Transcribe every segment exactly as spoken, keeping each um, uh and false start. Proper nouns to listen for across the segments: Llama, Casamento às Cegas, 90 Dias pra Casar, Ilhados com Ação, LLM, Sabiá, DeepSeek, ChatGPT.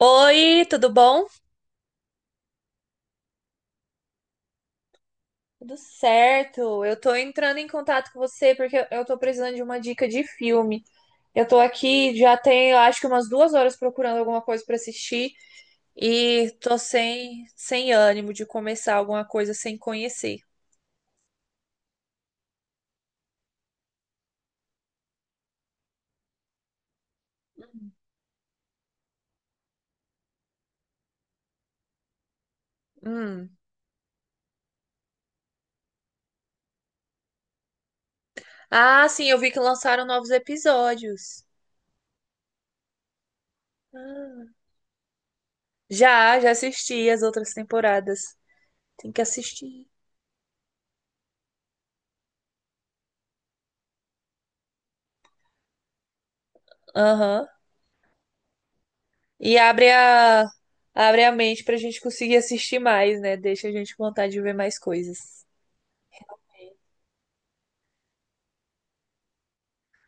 Oi, tudo bom? Tudo certo. Eu tô entrando em contato com você porque eu eu tô precisando de uma dica de filme. Eu tô aqui já tem, eu acho que umas duas horas procurando alguma coisa pra assistir e tô sem, sem ânimo de começar alguma coisa sem conhecer. Hum. Ah, sim, eu vi que lançaram novos episódios. Ah. Já, já assisti as outras temporadas. Tem que assistir. Aham. E abre a, abre a mente pra gente conseguir assistir mais, né? Deixa a gente com vontade de ver mais coisas.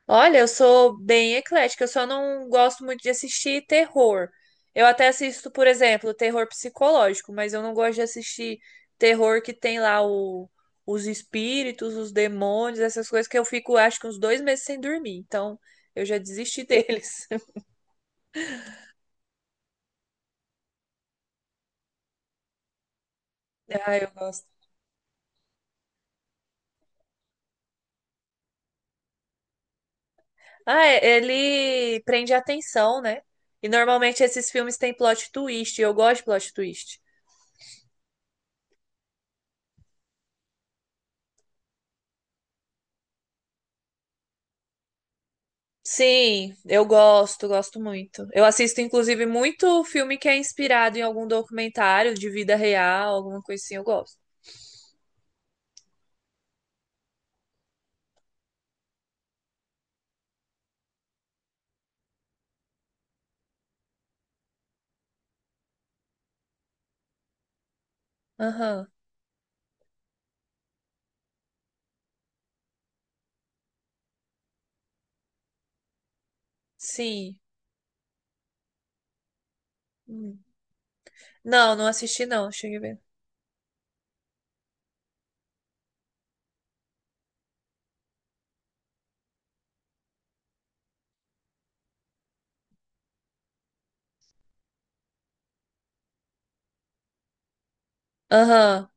Olha, eu sou bem eclética, eu só não gosto muito de assistir terror. Eu até assisto, por exemplo, terror psicológico, mas eu não gosto de assistir terror que tem lá o- os espíritos, os demônios, essas coisas que eu fico, acho que uns dois meses sem dormir. Então, eu já desisti deles. Ah, eu gosto. Ah, é, ele prende a atenção, né? E normalmente esses filmes têm plot twist, e eu gosto de plot twist. Sim, eu gosto, gosto muito. Eu assisto, inclusive, muito filme que é inspirado em algum documentário de vida real, alguma coisa assim, eu gosto. Aham, sim. Hum. Não, não assisti não, cheguei a ver. Aham,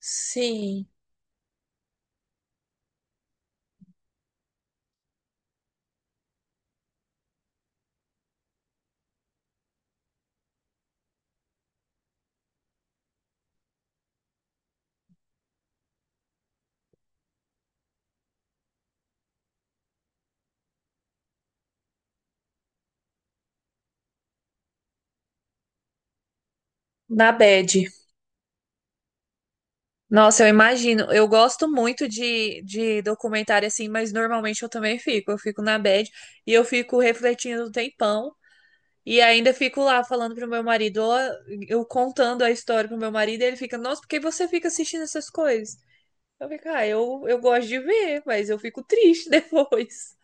sim. Na bad. Nossa, eu imagino. Eu gosto muito de, de documentário assim, mas normalmente eu também fico. Eu fico na bad e eu fico refletindo um tempão. E ainda fico lá falando pro meu marido, ó, eu contando a história pro meu marido, e ele fica, nossa, por que você fica assistindo essas coisas? Eu fico, ah, eu, eu gosto de ver, mas eu fico triste depois.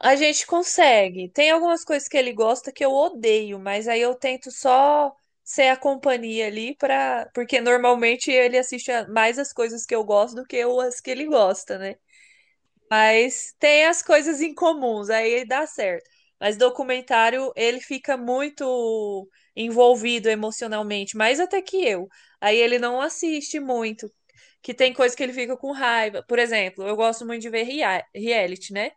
A gente consegue. Tem algumas coisas que ele gosta que eu odeio, mas aí eu tento só ser a companhia ali para, porque normalmente ele assiste a- mais as coisas que eu gosto do que eu- as que ele gosta, né? Mas tem as coisas em comuns, aí dá certo. Mas documentário, ele fica muito envolvido emocionalmente, mais até que eu. Aí ele não assiste muito, que tem coisa que ele fica com raiva. Por exemplo, eu gosto muito de ver rea- reality, né?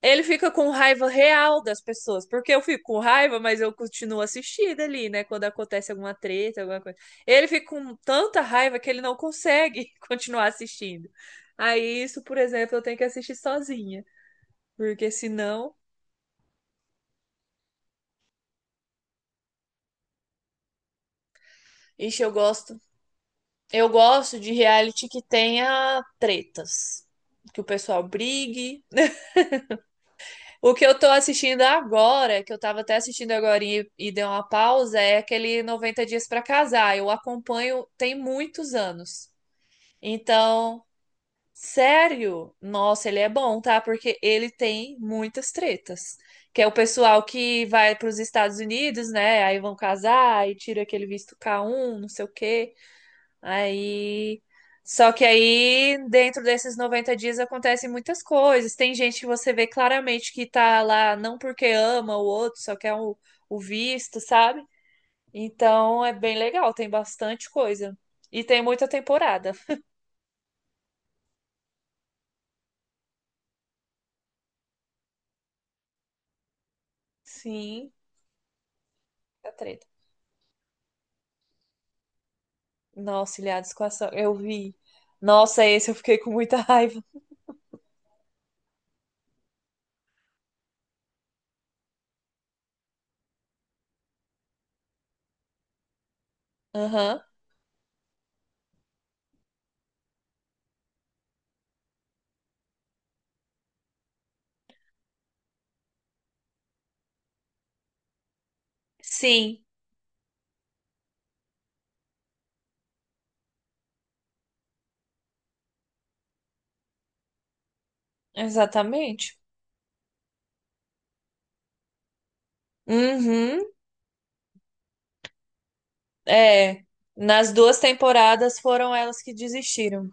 Ele fica com raiva real das pessoas, porque eu fico com raiva, mas eu continuo assistindo ali, né? Quando acontece alguma treta, alguma coisa. Ele fica com tanta raiva que ele não consegue continuar assistindo. Aí isso, por exemplo, eu tenho que assistir sozinha, porque senão, ixi, eu gosto. Eu gosto de reality que tenha tretas, que o pessoal brigue. O que eu tô assistindo agora, que eu tava até assistindo agora e, e dei uma pausa, é aquele noventa Dias pra Casar. Eu acompanho tem muitos anos. Então, sério, nossa, ele é bom, tá? Porque ele tem muitas tretas. Que é o pessoal que vai pros Estados Unidos, né? Aí vão casar e tira aquele visto K um, não sei o quê. Aí, só que aí, dentro desses noventa dias acontecem muitas coisas. Tem gente que você vê claramente que tá lá não porque ama o outro, só quer o, o visto, sabe? Então é bem legal, tem bastante coisa. E tem muita temporada. Sim, tá treta. Nossa, Ilhados com Ação, eu vi. Nossa, esse eu fiquei com muita raiva. Aham. Sim, exatamente. Uhum. É. Nas duas temporadas foram elas que desistiram,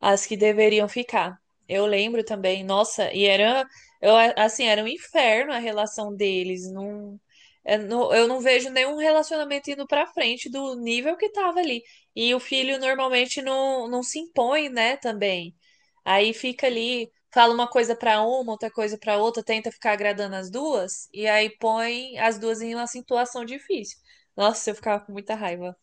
as que deveriam ficar. Eu lembro também, nossa, e era, eu, assim, era um inferno a relação deles. Não, é, não- eu não vejo nenhum relacionamento indo pra frente do nível que tava ali. E o filho normalmente não, não se impõe, né, também. Aí fica ali, fala uma coisa pra uma, outra coisa pra outra, tenta ficar agradando as duas, e aí põe as duas em uma situação difícil. Nossa, eu ficava com muita raiva.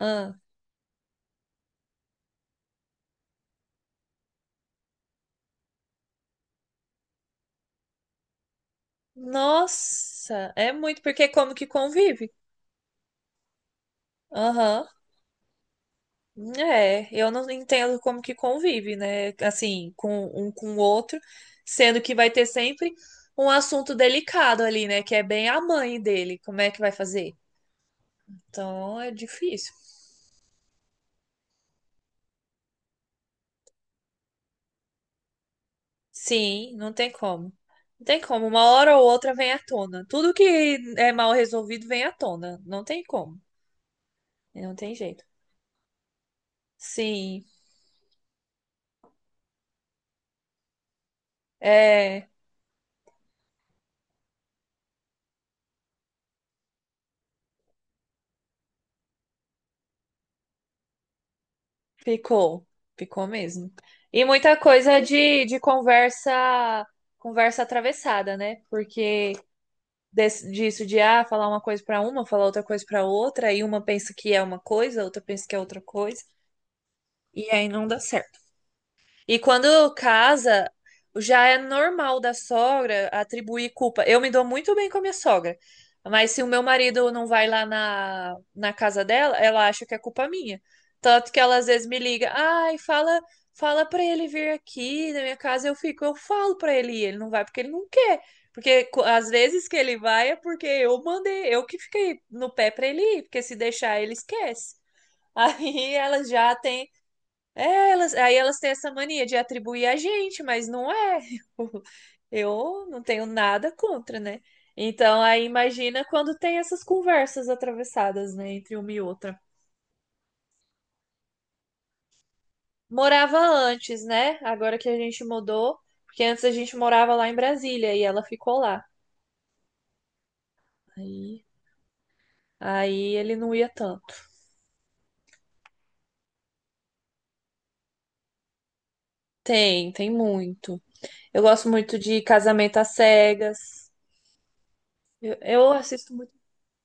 Ah. Nossa, é muito, porque é como que convive? Aham. É, eu não entendo como que convive, né? Assim, com um com o outro, sendo que vai ter sempre um assunto delicado ali, né? Que é bem a mãe dele, como é que vai fazer? Então é difícil. Sim, não tem como. Não tem como. Uma hora ou outra vem à tona. Tudo que é mal resolvido vem à tona. Não tem como. Não tem jeito. Sim. É. Ficou, ficou mesmo. E muita coisa de, de conversa, conversa atravessada, né? Porque desse disso de ah, falar uma coisa para uma, falar outra coisa para outra, aí uma pensa que é uma coisa, a outra pensa que é outra coisa, e aí não dá certo. E quando casa, já é normal da sogra atribuir culpa. Eu me dou muito bem com a minha sogra, mas se o meu marido não vai lá na, na casa dela, ela acha que é culpa minha. Tanto que ela às vezes me liga, ai, fala, fala para ele vir aqui na minha casa, eu fico, eu falo para ele, e ele não vai porque ele não quer. Porque co- às vezes que ele vai é porque eu mandei, eu que fiquei no pé para ele ir, porque se deixar ele esquece. Aí ela já tem é, elas, aí elas têm essa mania de atribuir a gente, mas não é. Eu, não tenho nada contra, né? Então, aí imagina quando tem essas conversas atravessadas, né, entre uma e outra. Morava antes, né? Agora que a gente mudou, porque antes a gente morava lá em Brasília e ela ficou lá. Aí, aí ele não ia tanto. Tem, tem muito. Eu gosto muito de Casamento às Cegas. Eu, eu assisto muito.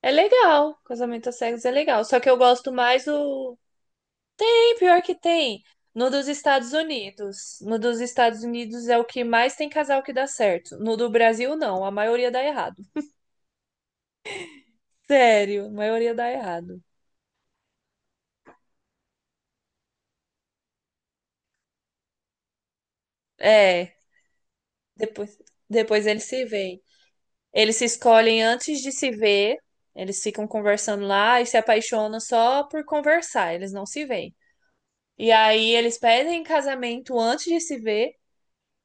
É legal, casamento às cegas é legal. Só que eu gosto mais o. Tem pior que tem. No dos Estados Unidos. No dos Estados Unidos é o que mais tem casal que dá certo. No do Brasil, não. A maioria dá errado. Sério, a maioria dá errado. É, depois, depois eles se veem. Eles se escolhem antes de se ver. Eles ficam conversando lá e se apaixonam só por conversar. Eles não se veem. E aí eles pedem casamento antes de se ver.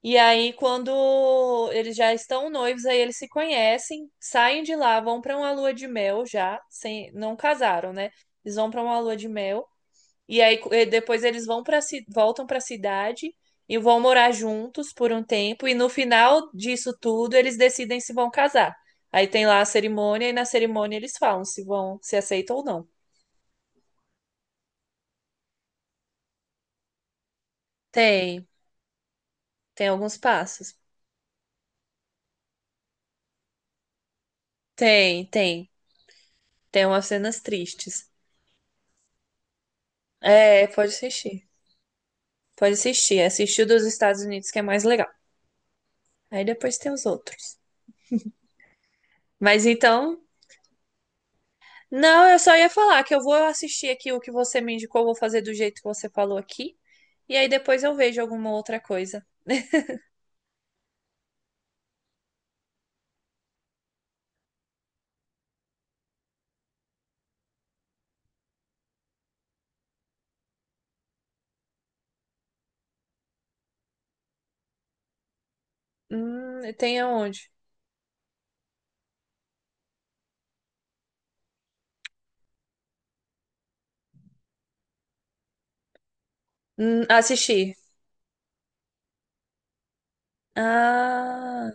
E aí, quando eles já estão noivos, aí eles se conhecem, saem de lá, vão pra uma lua de mel já, sem, não casaram, né? Eles vão pra uma lua de mel e aí co- e depois eles vão para voltam pra cidade e vão morar juntos por um tempo e no final disso tudo eles decidem se vão casar. Aí tem lá a cerimônia e na cerimônia eles falam se vão, se aceitam ou não. Tem, tem alguns passos. Tem, tem, tem umas cenas tristes. É, pode assistir. Pode assistir. Assistir o dos Estados Unidos, que é mais legal. Aí depois tem os outros. Mas então. Não, eu só ia falar que eu vou assistir aqui o que você me indicou, vou fazer do jeito que você falou aqui. E aí depois eu vejo alguma outra coisa. Hum, tem aonde? Hum, assistir. Ah,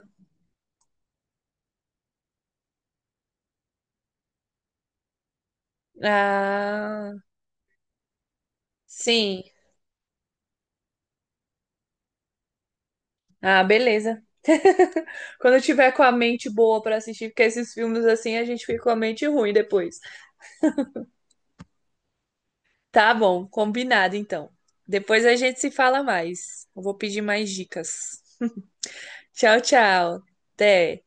ah, sim. Ah, beleza. Quando eu tiver com a mente boa pra assistir, porque esses filmes assim a gente fica com a mente ruim depois. Tá bom, combinado então. Depois a gente se fala mais. Eu vou pedir mais dicas. Tchau, tchau. Até.